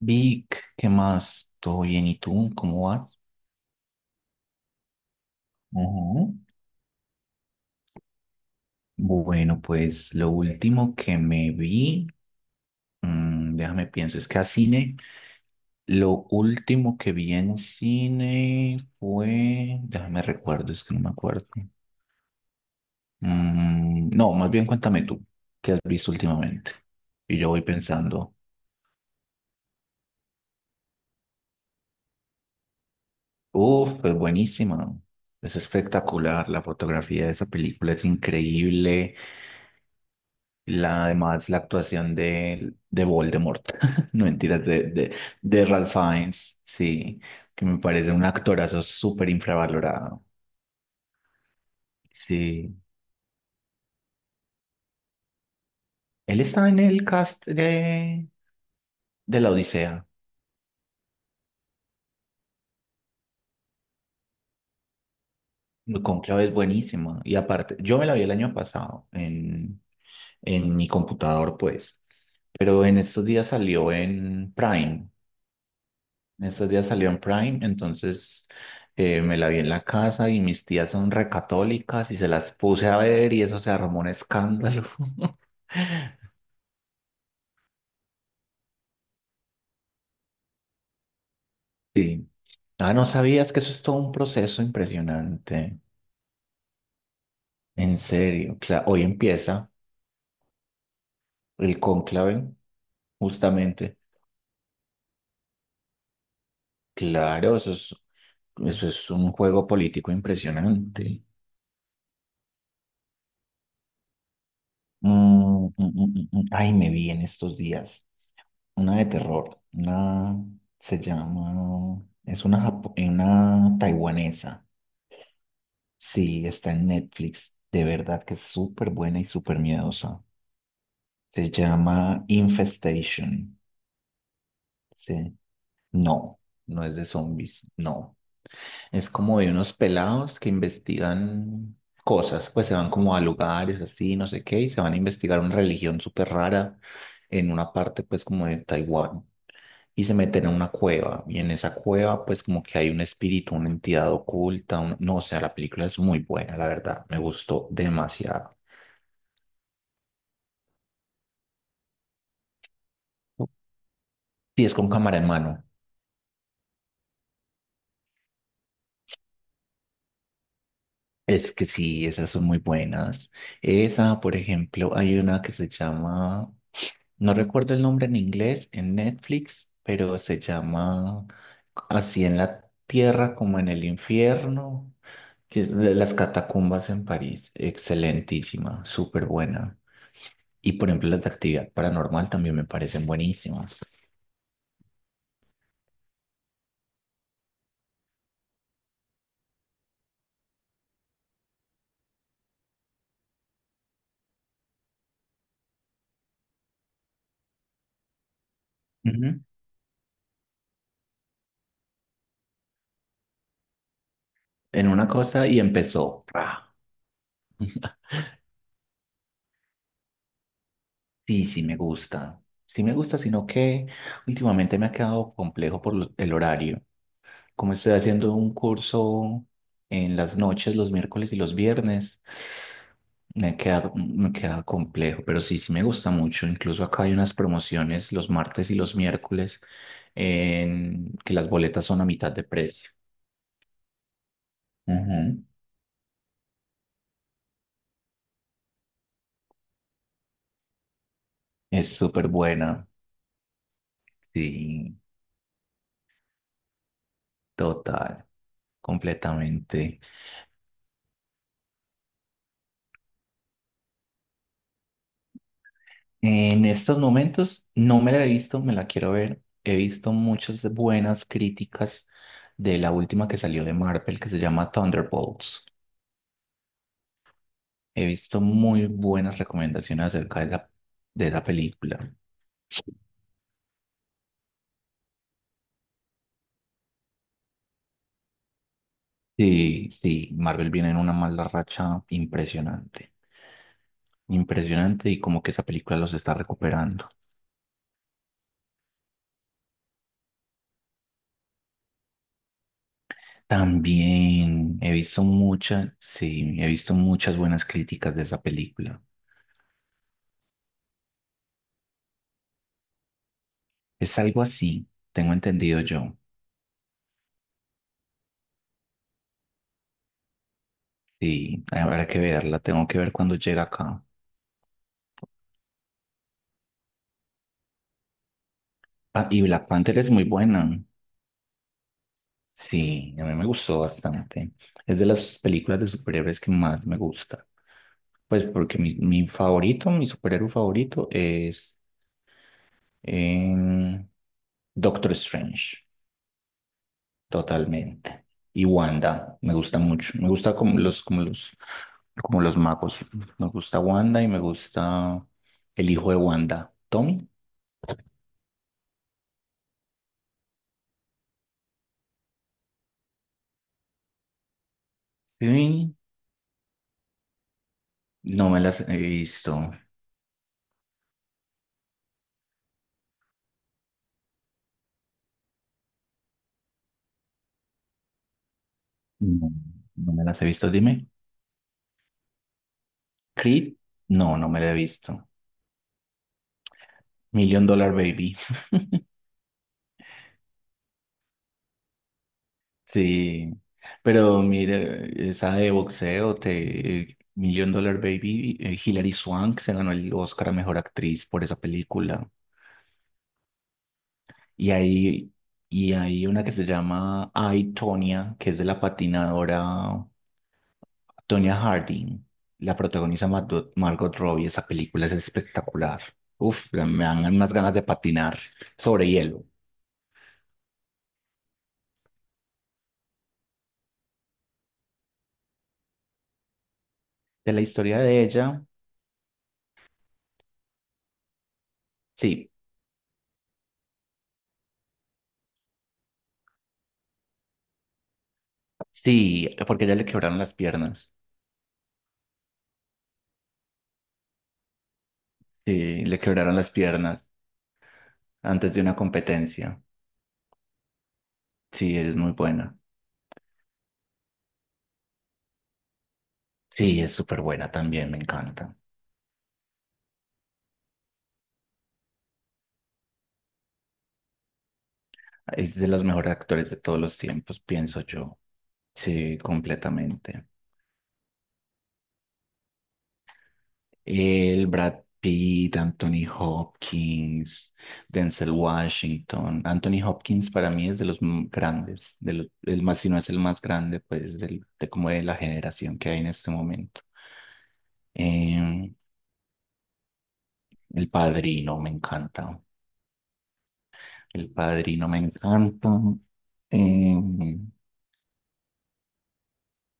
Vic, ¿qué más? ¿Todo bien? ¿Y tú? ¿Cómo vas? Ujú. Bueno, pues lo último que me vi, déjame pienso, es que a cine, lo último que vi en cine fue, déjame recuerdo, es que no me acuerdo. Mm, no, más bien cuéntame tú, ¿qué has visto últimamente? Y yo voy pensando, uf, es buenísima, es espectacular, la fotografía de esa película es increíble. La, además, la actuación de Voldemort, no mentiras, de Ralph Fiennes, sí, que me parece un actorazo súper infravalorado. Sí, él está en el cast de La Odisea. Cónclave es buenísima. Y aparte, yo me la vi el año pasado en mi computador, pues, pero en estos días salió en Prime. En estos días salió en Prime, entonces me la vi en la casa y mis tías son recatólicas y se las puse a ver y eso se armó un escándalo. Sí. Ah, no sabías que eso es todo un proceso impresionante. En serio. Hoy empieza el cónclave, justamente. Claro, eso es un juego político impresionante. Mm. Ay, me vi en estos días. Una de terror, una se llama, es una, una taiwanesa, sí, está en Netflix, de verdad que es súper buena y súper miedosa. Se llama Infestation, sí, no, no es de zombies, no. Es como de unos pelados que investigan cosas, pues se van como a lugares así, no sé qué, y se van a investigar una religión súper rara en una parte pues como de Taiwán. Y se meten a una cueva. Y en esa cueva, pues como que hay un espíritu, una entidad oculta. No, o sea, la película es muy buena, la verdad. Me gustó demasiado. Sí, es con cámara en mano. Es que sí, esas son muy buenas. Esa, por ejemplo, hay una que se llama, no recuerdo el nombre en inglés, en Netflix, pero se llama Así en la tierra como en el infierno, que es de las catacumbas en París. Excelentísima, súper buena. Y por ejemplo, las de actividad paranormal también me parecen buenísimas. Ujú. En una cosa y empezó. ¡Pra! Sí, sí me gusta. Sí me gusta, sino que últimamente me ha quedado complejo por el horario. Como estoy haciendo un curso en las noches, los miércoles y los viernes, me queda complejo, pero sí, sí me gusta mucho. Incluso acá hay unas promociones los martes y los miércoles en que las boletas son a mitad de precio. Ujú. Es súper buena. Sí, total, completamente. En estos momentos no me la he visto, me la quiero ver. He visto muchas buenas críticas de la última que salió de Marvel que se llama Thunderbolts. He visto muy buenas recomendaciones acerca de la película. Sí, sí, Marvel viene en una mala racha impresionante, impresionante y como que esa película los está recuperando. También he visto muchas, sí, he visto muchas buenas críticas de esa película. Es algo así, tengo entendido yo. Sí, habrá que verla, tengo que ver cuando llega acá. Ah, y Black Panther es muy buena. Sí, a mí me gustó bastante. Es de las películas de superhéroes que más me gusta. Pues porque mi favorito, mi superhéroe favorito es em, Doctor Strange. Totalmente. Y Wanda, me gusta mucho. Me gusta como los magos. Me gusta Wanda y me gusta el hijo de Wanda, Tommy. Sí, no me las he visto. No, no me las he visto, dime. Creed, no, no me la he visto. Million Dollar Baby, sí. Pero mire, esa de boxeo, Million Dollar Baby, Hilary Swank se ganó el Oscar a mejor actriz por esa película. Y hay, y hay una que se llama I, Tonya, que es de la patinadora Tonya Harding. La protagoniza Margot Robbie. Esa película es espectacular. Uf, me dan unas ganas de patinar sobre hielo. De la historia de ella, sí, sí, porque a ella le quebraron las piernas. Sí, le quebraron las piernas antes de una competencia. Sí, es muy buena. Sí, es súper buena también, me encanta. Es de los mejores actores de todos los tiempos, pienso yo. Sí, completamente. El Brad Pitt, Anthony Hopkins, Denzel Washington. Anthony Hopkins para mí es de los grandes, de los, el más, si no es el más grande, pues de como de la generación que hay en este momento. Em, El Padrino me encanta. El Padrino me encanta. Em,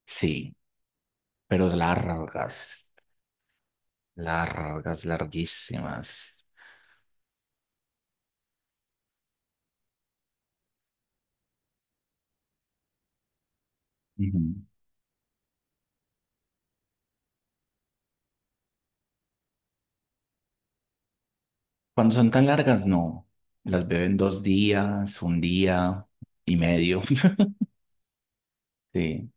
sí, pero largas, largas, larguísimas. Cuando son tan largas, no. Las veo en 2 días, un día y medio. Sí.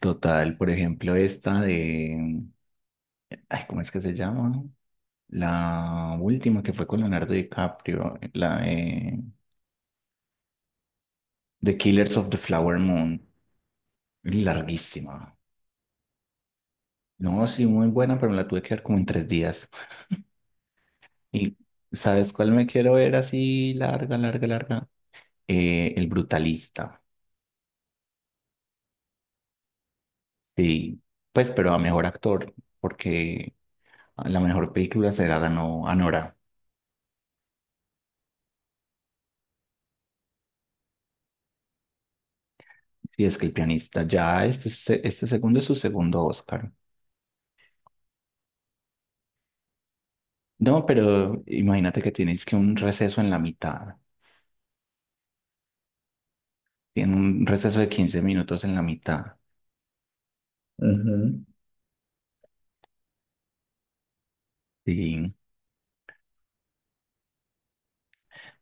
Total, por ejemplo, esta de... Ay, ¿cómo es que se llama? La última que fue con Leonardo DiCaprio, la de The Killers of the Flower Moon. Larguísima. No, sí, muy buena, pero me la tuve que ver como en 3 días. ¿Y sabes cuál me quiero ver así larga, larga, larga? El Brutalista. Sí, pues, pero a mejor actor, porque la mejor película se la ganó Anora. Y es que el pianista ya, este segundo es su segundo Oscar. No, pero imagínate que tienes que un receso en la mitad. Tiene un receso de 15 minutos en la mitad. Ujú. Sí,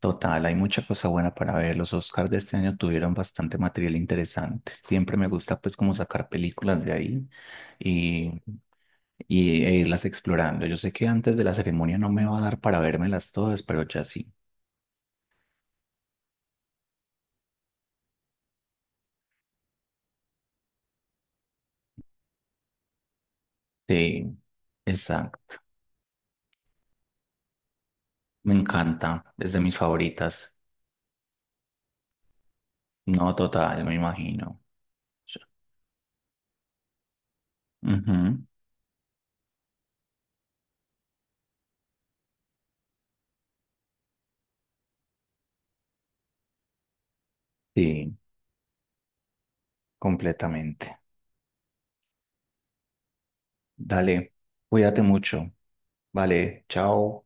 total, hay mucha cosa buena para ver. Los Oscars de este año tuvieron bastante material interesante. Siempre me gusta pues como sacar películas de ahí y, e irlas explorando. Yo sé que antes de la ceremonia no me va a dar para vérmelas todas, pero ya sí. Sí, exacto. Me encanta. Es de mis favoritas. No, total, me imagino. Ujú, sí, completamente. Dale, cuídate mucho. Vale, chao.